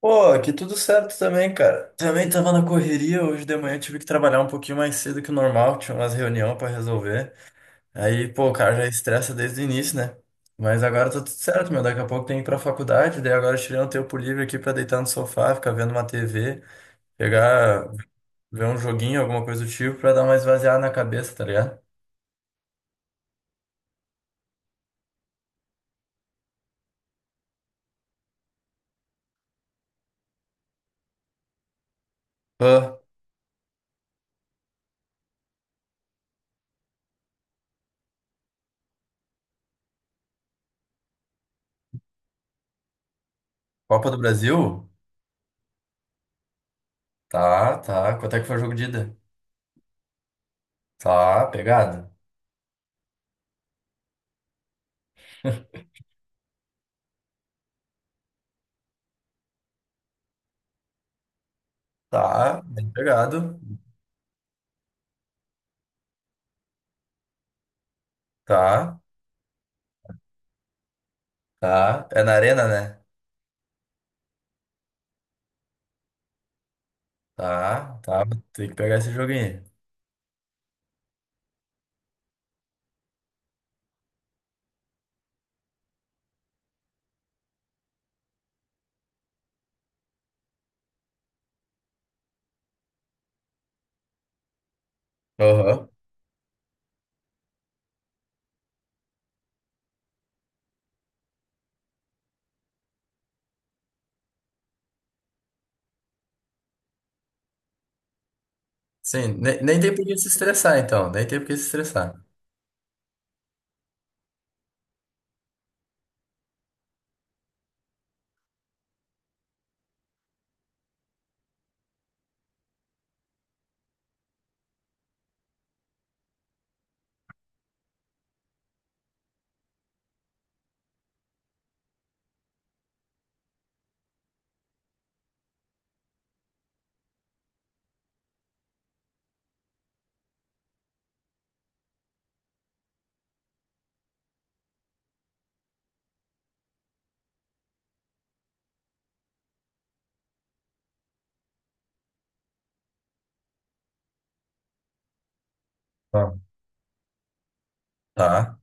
Pô, aqui tudo certo também, cara. Também tava na correria hoje de manhã, tive que trabalhar um pouquinho mais cedo que o normal, tinha umas reunião pra resolver. Aí, pô, o cara já estressa desde o início, né? Mas agora tá tudo certo, meu. Daqui a pouco tem que ir pra faculdade, daí agora eu tirei um tempo livre aqui pra deitar no sofá, ficar vendo uma TV, pegar, ver um joguinho, alguma coisa do tipo, pra dar uma esvaziada na cabeça, tá ligado? Pô, Copa do Brasil? Tá, tá. Quanto é que foi o jogo de ida? Tá, pegado. Tá, bem pegado. Tá. Tá, é na arena, né? Tá, tá, tem que pegar esse joguinho. Aham. Sim, nem, tem por que se estressar, então. Nem tem por que se estressar. Tá. Tá,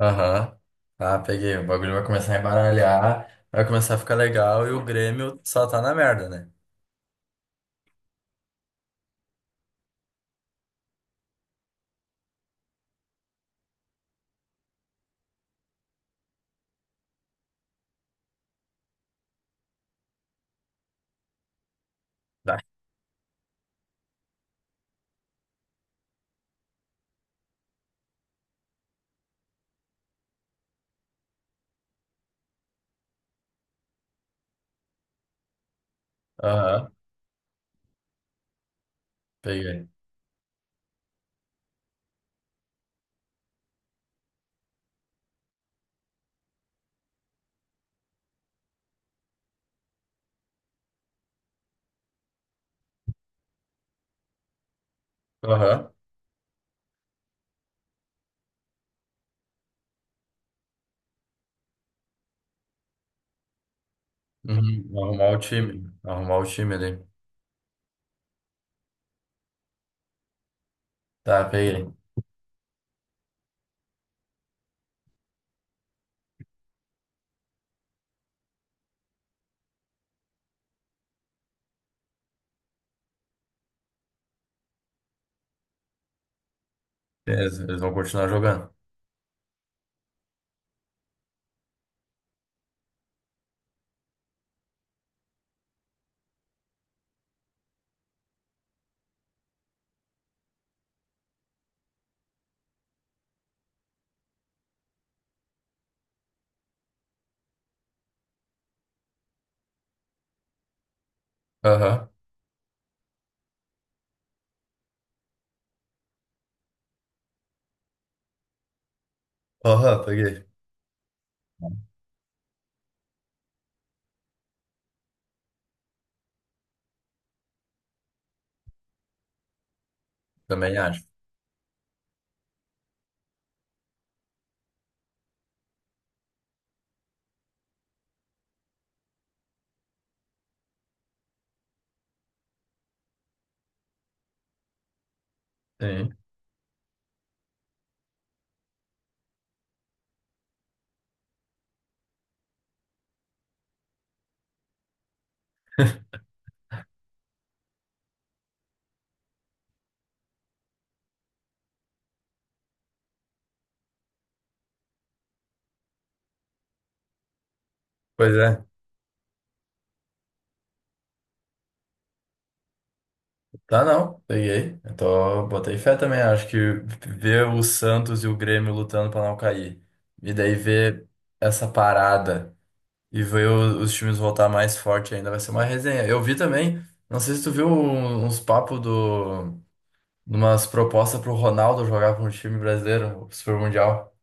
aham. Tá, peguei. O bagulho vai começar a embaralhar, vai começar a ficar legal e o Grêmio só tá na merda, né? Tá. Aham, peguei. Aham. Uhum, arrumar o time. Arrumar o time ali. Tá, peguei. Beleza, eles vão continuar jogando. Aham. Aham, peguei. Também acho. Sim. Pois é. Tá, não. Peguei. Eu tô, botei fé também. Acho que ver o Santos e o Grêmio lutando pra não cair. E daí ver essa parada e ver os times voltar mais forte ainda vai ser uma resenha. Eu vi também, não sei se tu viu uns papos do, de umas propostas pro Ronaldo jogar pra um time brasileiro, o Super Mundial.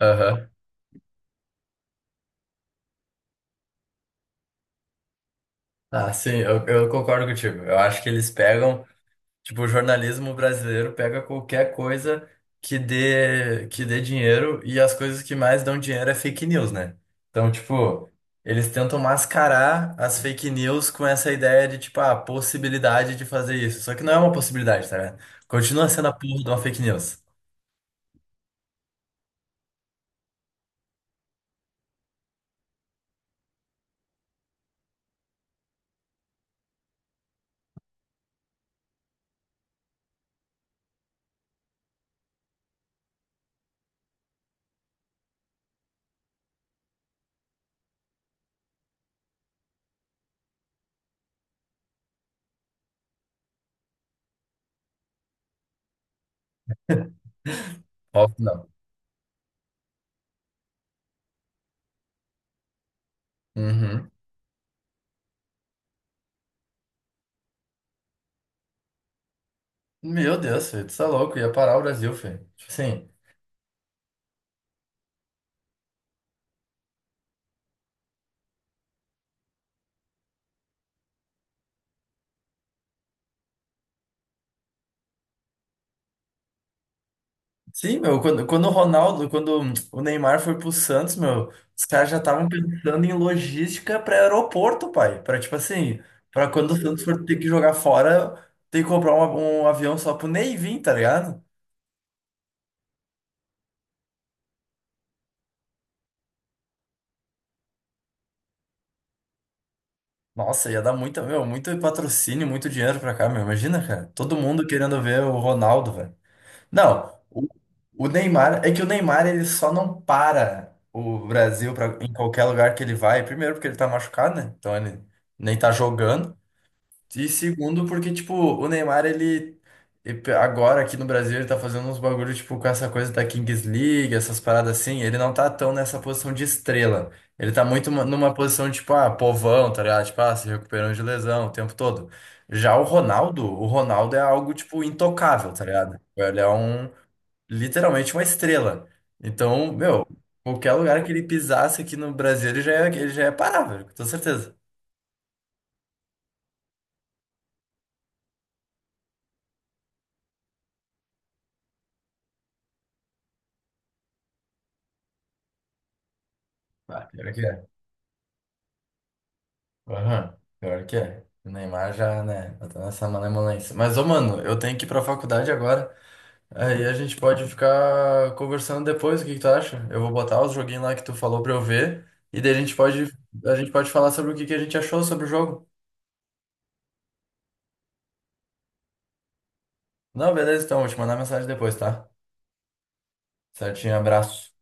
Aham. Ah, sim, eu concordo contigo. Eu acho que eles pegam. Tipo, o jornalismo brasileiro pega qualquer coisa que dê dinheiro e as coisas que mais dão dinheiro é fake news, né? Então, tipo, eles tentam mascarar as fake news com essa ideia de, tipo, a possibilidade de fazer isso. Só que não é uma possibilidade, tá ligado? Continua sendo a porra de uma fake news. Óbvio, que não. Uhum. Meu Deus, filho, tu tá louco, ia parar o Brasil, filho. Tipo assim. Sim, meu, quando o Ronaldo, quando o Neymar foi pro Santos, meu, os caras já estavam pensando em logística para aeroporto, pai. Para tipo assim, para quando o Santos for ter que jogar fora, ter que comprar um avião só pro Ney vir, tá ligado? Nossa, ia dar muita, meu, muito patrocínio, muito dinheiro pra cá, meu. Imagina, cara, todo mundo querendo ver o Ronaldo, velho. Não, o Neymar, é que o Neymar ele só não para o Brasil pra, em qualquer lugar que ele vai. Primeiro porque ele tá machucado, né? Então ele nem tá jogando. E segundo, porque, tipo, o Neymar, ele. Agora aqui no Brasil, ele tá fazendo uns bagulhos, tipo, com essa coisa da Kings League, essas paradas assim. Ele não tá tão nessa posição de estrela. Ele tá muito numa posição, tipo, ah, povão, tá ligado? Tipo, ah, se recuperando de lesão o tempo todo. Já o Ronaldo é algo, tipo, intocável, tá ligado? Ele é um. Literalmente uma estrela. Então, meu, qualquer lugar que ele pisasse aqui no Brasil, ele já é parável, com toda certeza. Ah, pior que é. Aham, pior que é. O Neymar já, né? Tá nessa malemolência. Mas, ô, mano, eu tenho que ir pra faculdade agora. Aí a gente pode ficar conversando depois, o que que tu acha? Eu vou botar os joguinhos lá que tu falou pra eu ver. E daí a gente pode falar sobre o que que a gente achou sobre o jogo. Não, beleza, então, vou te mandar mensagem depois, tá? Certinho, abraço.